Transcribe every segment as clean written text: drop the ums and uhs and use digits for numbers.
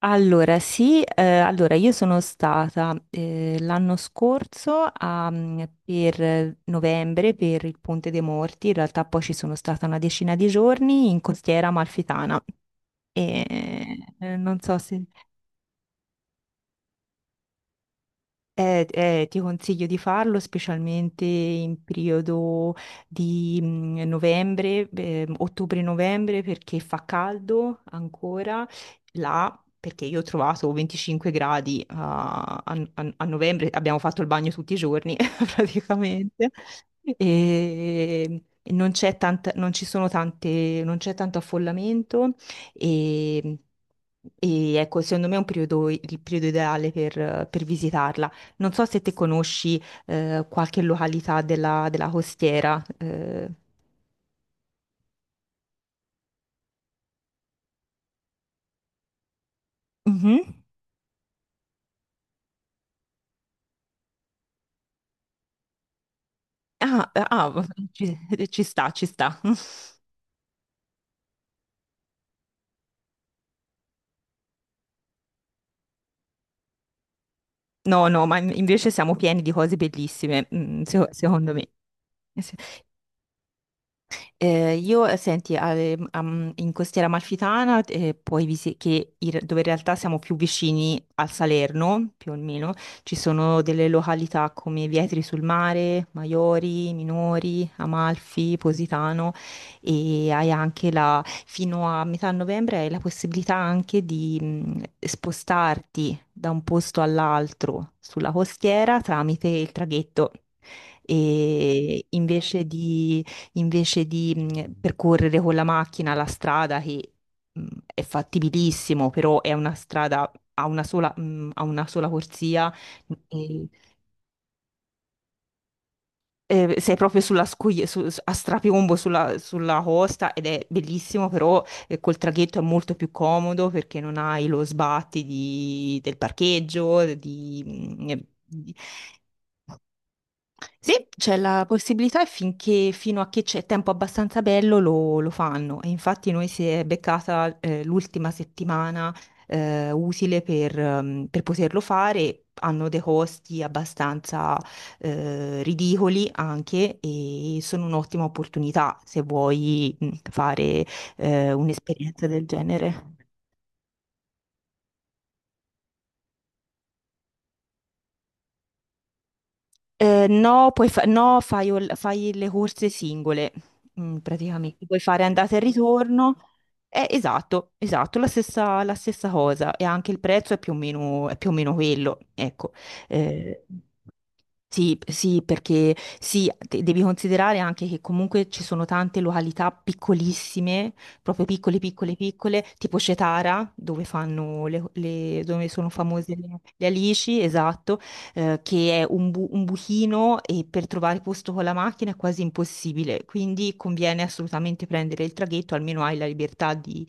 Allora, sì, io sono stata l'anno scorso, a, mm, per novembre, per il Ponte dei Morti. In realtà poi ci sono stata una decina di giorni in Costiera Amalfitana e non so se. Ti consiglio di farlo specialmente in periodo di novembre, ottobre-novembre, perché fa caldo ancora là, perché io ho trovato 25 gradi a, a novembre, abbiamo fatto il bagno tutti i giorni praticamente. E e non c'è tanta, non ci sono tante, non c'è tanto affollamento, e, e ecco, secondo me è un periodo, il periodo ideale per visitarla. Non so se te conosci qualche località della, della costiera. Mhm. Ah, eh, ah, ci, ci sta, ci sta. No, no, ma invece siamo pieni di cose bellissime, secondo me. Io, senti, in Costiera Amalfitana, puoi che dove in realtà siamo più vicini al Salerno, più o meno, ci sono delle località come Vietri sul Mare, Maiori, Minori, Amalfi, Positano. E hai anche la, fino a metà novembre hai la possibilità anche di spostarti da un posto all'altro sulla costiera tramite il traghetto. E invece di Invece di percorrere con la macchina la strada che mh, è fattibilissimo, però è una strada a una sola corsia, e- e sei proprio sulla scogli- su- su- a strapiombo sulla, sulla costa, ed è bellissimo, però col traghetto è molto più comodo, perché non hai lo sbatti del parcheggio, di... mh, di- Sì, c'è la possibilità e finché, fino a che c'è tempo abbastanza bello lo, lo fanno. E infatti noi si è beccata l'ultima settimana utile per poterlo fare. Hanno dei costi abbastanza ridicoli anche, e sono un'ottima opportunità se vuoi fare un'esperienza del genere. No, fai, fai le corse singole, praticamente. Puoi fare andata e ritorno. Esatto, esatto, la stessa cosa. E anche il prezzo è più o meno, è più o meno quello. Ecco. Eh, sì, sì, perché sì, devi considerare anche che comunque ci sono tante località piccolissime, proprio piccole, piccole, piccole, tipo Cetara, dove fanno dove sono famose le alici, esatto, che è un buchino, e per trovare posto con la macchina è quasi impossibile, quindi conviene assolutamente prendere il traghetto, almeno hai la libertà di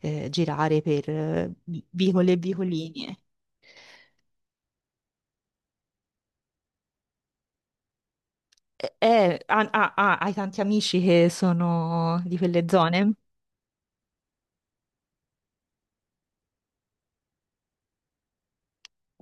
girare per vicole e vicolini. Hai tanti amici che sono di quelle zone?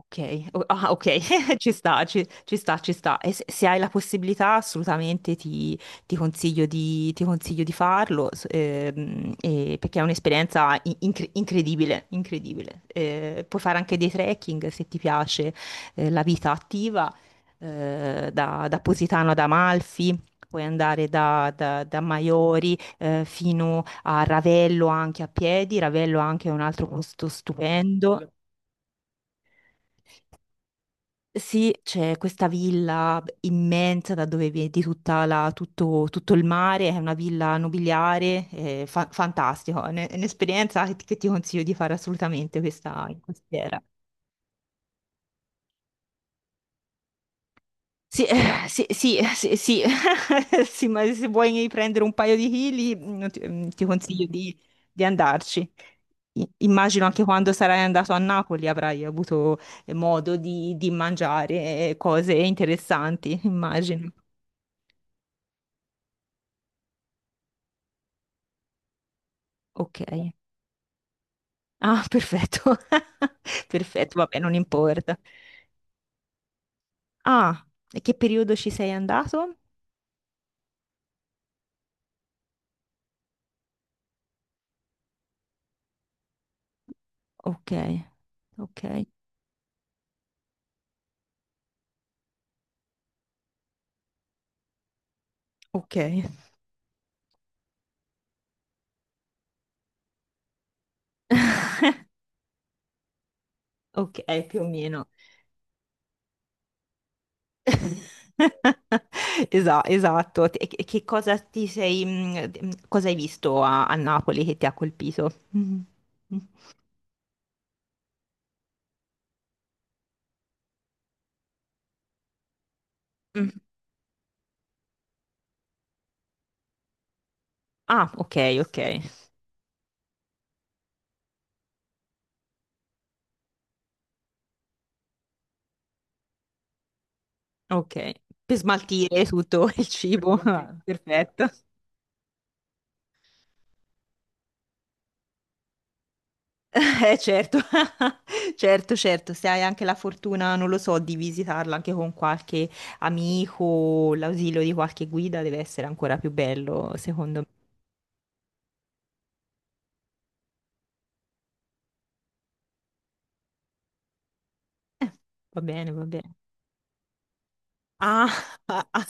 Ah, ok, ci sta, ci sta, ci sta. E se, se hai la possibilità, assolutamente ti consiglio di farlo, perché è un'esperienza incredibile, incredibile. Puoi fare anche dei trekking se ti piace, la vita attiva, da Positano ad Amalfi. Puoi andare da Maiori fino a Ravello, anche a piedi. Ravello anche è un altro posto stupendo. Sì, c'è questa villa immensa da dove vedi tutto, tutto il mare, è una villa nobiliare, è fantastico, è è un'esperienza che che ti consiglio di fare assolutamente, questa in costiera. Sì, sì, sì, sì, sì. Sì, ma se vuoi prendere un paio di chili, ti consiglio di andarci. Immagino anche, quando sarai andato a Napoli, avrai avuto modo di mangiare cose interessanti, immagino. Ok. Ah, perfetto. Perfetto, vabbè, non importa. Ah, e che periodo ci sei andato? Ok, ok, ok, ok, più o meno. Esatto. E che cosa ti sei, cosa hai visto a, a Napoli che ti ha colpito? Mhm. Mm. Ah, ok, ok, ok. Per smaltire tutto il cibo. Ah, perfetto. Eh certo, certo, certo, se hai anche la fortuna, non lo so, di visitarla anche con qualche amico, o l'ausilio di qualche guida, deve essere ancora più bello, secondo me. Eh, Va bene, va bene. Ah, ah, ah,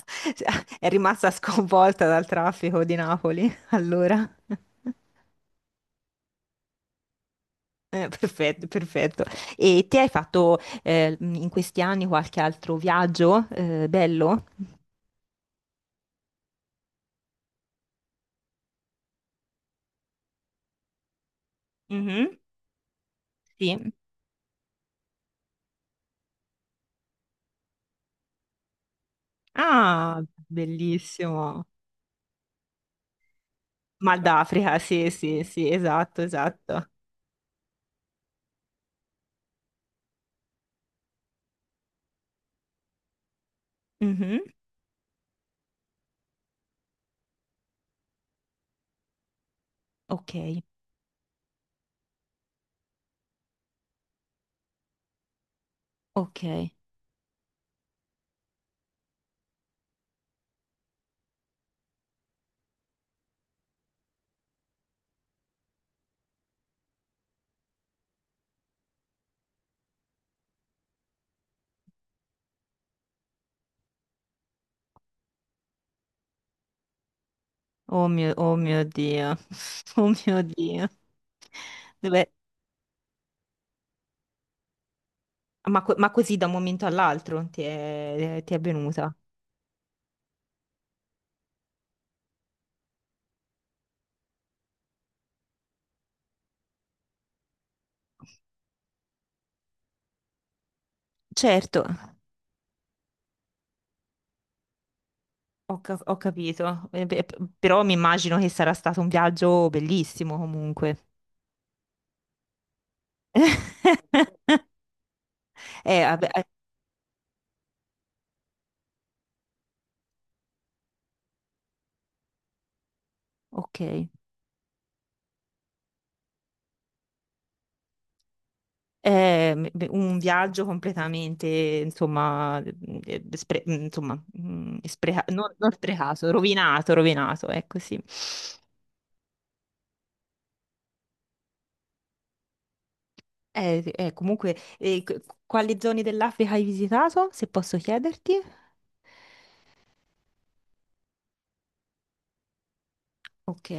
è rimasta sconvolta dal traffico di Napoli, allora. Perfetto, perfetto. E ti hai fatto in questi anni qualche altro viaggio bello? Mhm, sì. Ah, bellissimo. Mal d'Africa, sì, sì, sì, esatto, esatto. Mhm. Ok, ok. Oh mio Dio, oh mio Dio. Dove- ma, ma così da un momento all'altro ti è venuta? Certo, ho capito. Beh, però mi immagino che sarà stato un viaggio bellissimo comunque. Vabbè, ok. Beh, un viaggio completamente, insomma, insomma, non, non sprecato, rovinato, rovinato, ecco sì. Sì, comunque, quali zone dell'Africa hai visitato, se posso chiederti? Ok.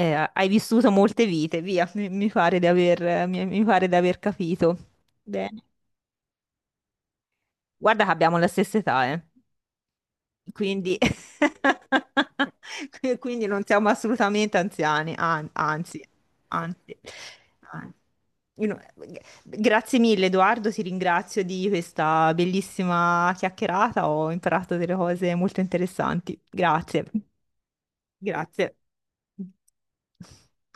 Hai vissuto molte vite, via, mi pare di aver, mi pare di aver capito. Bene. Guarda che abbiamo la stessa età, eh. Quindi, quindi non siamo assolutamente anziani, anzi, anzi, anzi. Io no- Grazie mille, Edoardo, ti ringrazio di questa bellissima chiacchierata. Ho imparato delle cose molto interessanti. Grazie, grazie.